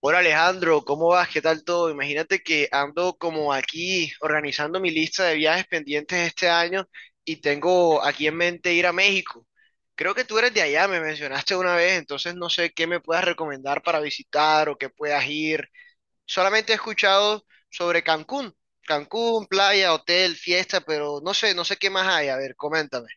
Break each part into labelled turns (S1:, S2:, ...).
S1: Hola Alejandro, ¿cómo vas? ¿Qué tal todo? Imagínate que ando como aquí organizando mi lista de viajes pendientes este año y tengo aquí en mente ir a México. Creo que tú eres de allá, me mencionaste una vez, entonces no sé qué me puedas recomendar para visitar o qué puedas ir. Solamente he escuchado sobre Cancún, Cancún, playa, hotel, fiesta, pero no sé qué más hay. A ver, coméntame.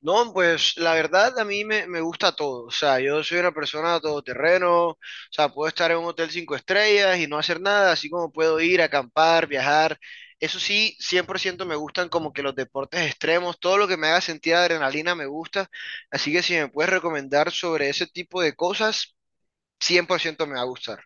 S1: No, pues la verdad a mí me gusta todo. O sea, yo soy una persona todoterreno. O sea, puedo estar en un hotel 5 estrellas y no hacer nada, así como puedo ir a acampar, viajar. Eso sí, 100% me gustan como que los deportes extremos, todo lo que me haga sentir adrenalina me gusta. Así que si me puedes recomendar sobre ese tipo de cosas, 100% me va a gustar.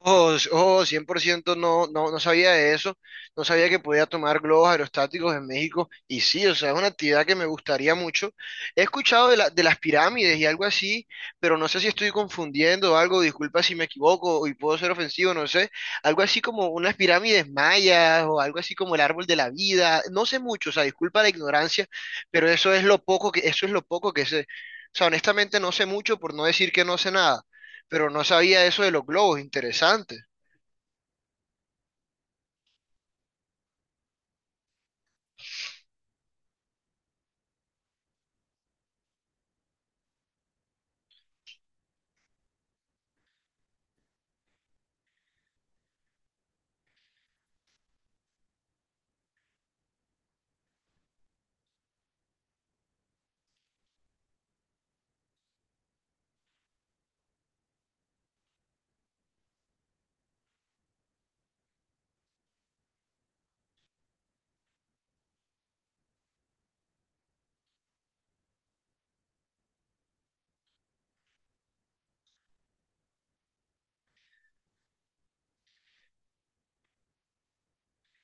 S1: Oh, 100% no sabía de eso, no sabía que podía tomar globos aerostáticos en México y sí, o sea, es una actividad que me gustaría mucho. He escuchado de las pirámides y algo así, pero no sé si estoy confundiendo algo, disculpa si me equivoco y puedo ser ofensivo, no sé, algo así como unas pirámides mayas o algo así como el árbol de la vida, no sé mucho, o sea, disculpa la ignorancia, pero eso es lo poco que sé. O sea, honestamente no sé mucho por no decir que no sé nada pero no sabía eso de los globos, interesante.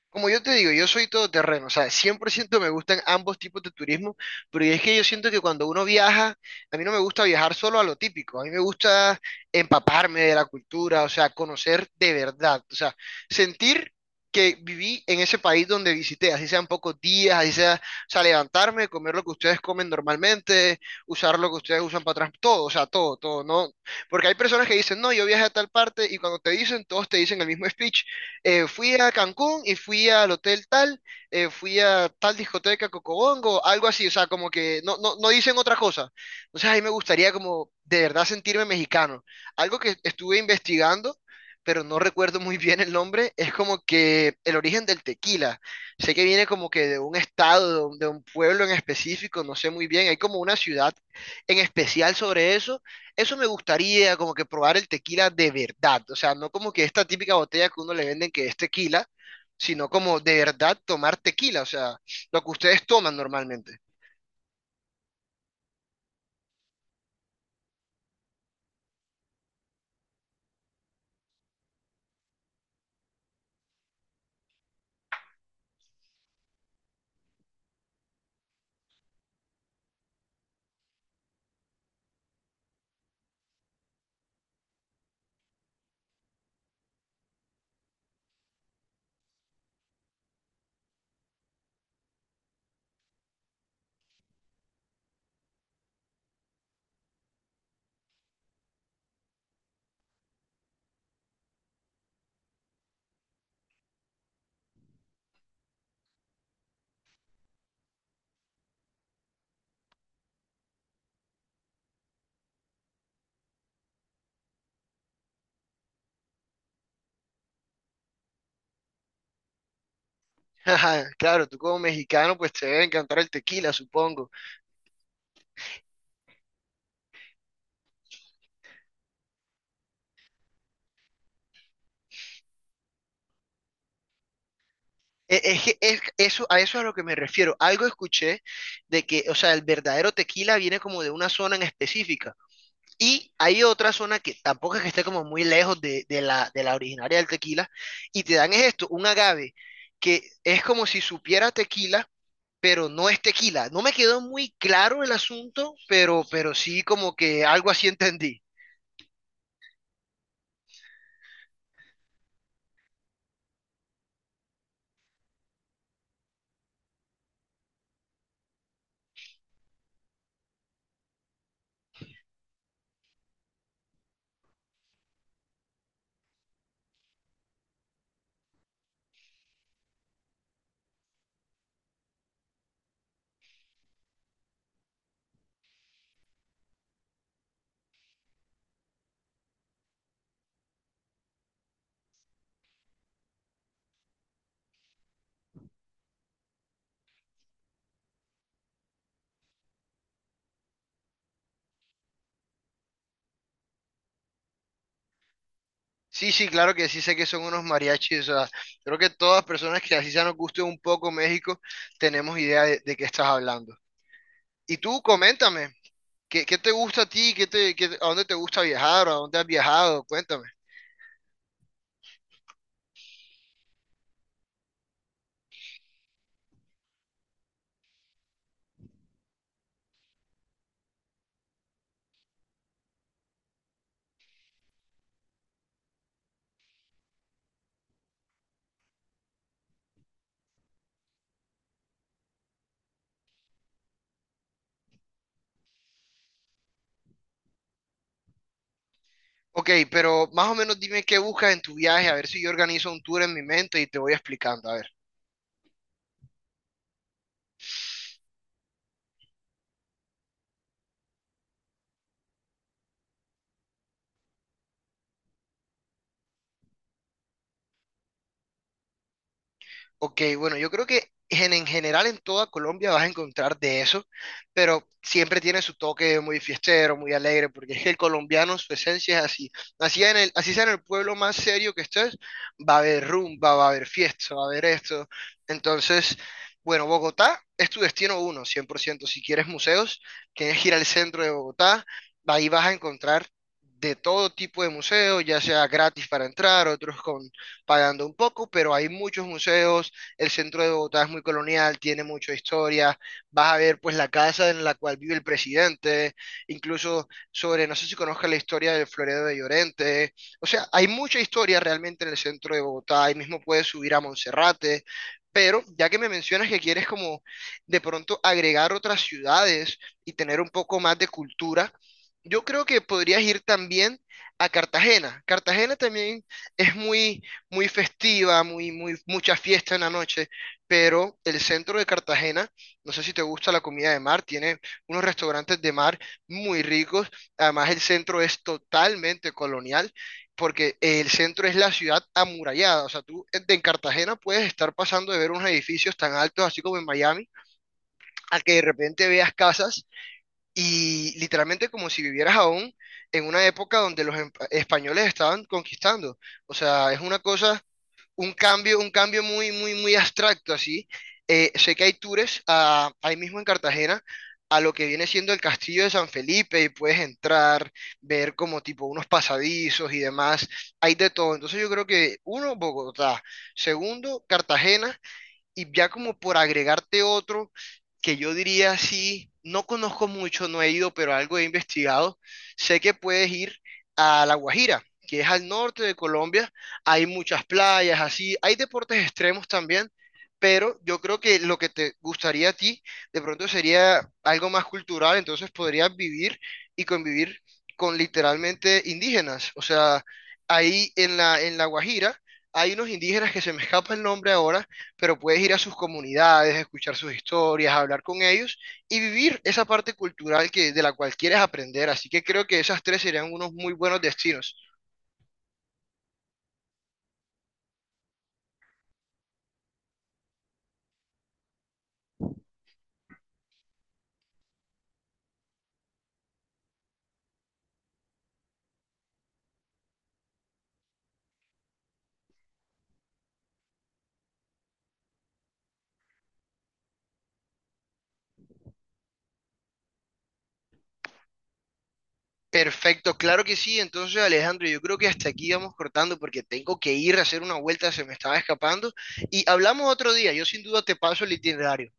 S1: Como yo te digo, yo soy todoterreno, o sea, 100% me gustan ambos tipos de turismo, pero es que yo siento que cuando uno viaja, a mí no me gusta viajar solo a lo típico, a mí me gusta empaparme de la cultura, o sea, conocer de verdad, o sea, sentir que viví en ese país donde visité, así sean pocos días, así sea, o sea, levantarme, comer lo que ustedes comen normalmente, usar lo que ustedes usan para atrás, todo, o sea, todo, todo, ¿no? Porque hay personas que dicen, no, yo viajé a tal parte y cuando te dicen, todos te dicen el mismo speech fui a Cancún y fui al hotel tal, fui a tal discoteca Cocobongo, algo así, o sea, como que no dicen otra cosa. Entonces ahí me gustaría como de verdad sentirme mexicano. Algo que estuve investigando, pero no recuerdo muy bien el nombre, es como que el origen del tequila. Sé que viene como que de un estado, de un pueblo en específico, no sé muy bien, hay como una ciudad en especial sobre eso me gustaría, como que probar el tequila de verdad. O sea, no como que esta típica botella que uno le venden que es tequila, sino como de verdad tomar tequila. O sea, lo que ustedes toman normalmente. Ajá, claro, tú como mexicano, pues te debe encantar el tequila, supongo. E- Es, que es- eso, A eso es a lo que me refiero. Algo escuché de que, o sea, el verdadero tequila viene como de una zona en específica. Y hay otra zona que tampoco es que esté como muy lejos de la originaria del tequila, y te dan es esto, un agave, que es como si supiera tequila, pero no es tequila. No me quedó muy claro el asunto, pero sí como que algo así entendí. Sí, sí, claro que sí sé que son unos mariachis, o sea, creo que todas personas que así sea nos guste un poco México, tenemos idea de qué estás hablando. Y tú, coméntame, ¿qué te gusta a ti? ¿A dónde te gusta viajar? ¿A dónde has viajado? Cuéntame. Ok, pero más o menos dime qué buscas en tu viaje, a ver si yo organizo un tour en mi mente y te voy explicando, a ver. Ok, bueno, yo creo que en general en toda Colombia vas a encontrar de eso, pero siempre tiene su toque muy fiestero, muy alegre, porque es que el colombiano, su esencia es así. Así, así sea en el pueblo más serio que estés, va a haber rumba, va a haber fiesta, va a haber esto. Entonces, bueno, Bogotá es tu destino uno, 100%. Si quieres museos, tienes que ir al centro de Bogotá, ahí vas a encontrar... de todo tipo de museos, ya sea gratis para entrar, otros con pagando un poco, pero hay muchos museos, el centro de Bogotá es muy colonial, tiene mucha historia, vas a ver pues la casa en la cual vive el presidente, incluso sobre, no sé si conozcas la historia del Floredo de Llorente, o sea, hay mucha historia realmente en el centro de Bogotá, ahí mismo puedes subir a Monserrate, pero ya que me mencionas que quieres como de pronto agregar otras ciudades y tener un poco más de cultura, yo creo que podrías ir también a Cartagena. Cartagena también es muy muy festiva, muy, muy, mucha fiesta en la noche, pero el centro de Cartagena, no sé si te gusta la comida de mar, tiene unos restaurantes de mar muy ricos, además el centro es totalmente colonial, porque el centro es la ciudad amurallada, o sea, tú en Cartagena puedes estar pasando de ver unos edificios tan altos, así como en Miami, a que de repente veas casas y literalmente como si vivieras aún en una época donde los españoles estaban conquistando, o sea, es una cosa un cambio muy, muy, muy abstracto así. Sé que hay tours ahí mismo en Cartagena a lo que viene siendo el Castillo de San Felipe y puedes entrar, ver como tipo unos pasadizos y demás. Hay de todo. Entonces yo creo que uno, Bogotá. Segundo, Cartagena. Y ya como por agregarte otro que yo diría sí, no conozco mucho, no he ido, pero algo he investigado. Sé que puedes ir a La Guajira, que es al norte de Colombia. Hay muchas playas, así. Hay deportes extremos también, pero yo creo que lo que te gustaría a ti de pronto sería algo más cultural, entonces podrías vivir y convivir con literalmente indígenas. O sea, ahí en La Guajira. Hay unos indígenas que se me escapa el nombre ahora, pero puedes ir a sus comunidades, escuchar sus historias, hablar con ellos y vivir esa parte cultural que, de la cual quieres aprender. Así que creo que esas tres serían unos muy buenos destinos. Perfecto, claro que sí. Entonces, Alejandro, yo creo que hasta aquí vamos cortando porque tengo que ir a hacer una vuelta, se me estaba escapando. Y hablamos otro día, yo sin duda te paso el itinerario.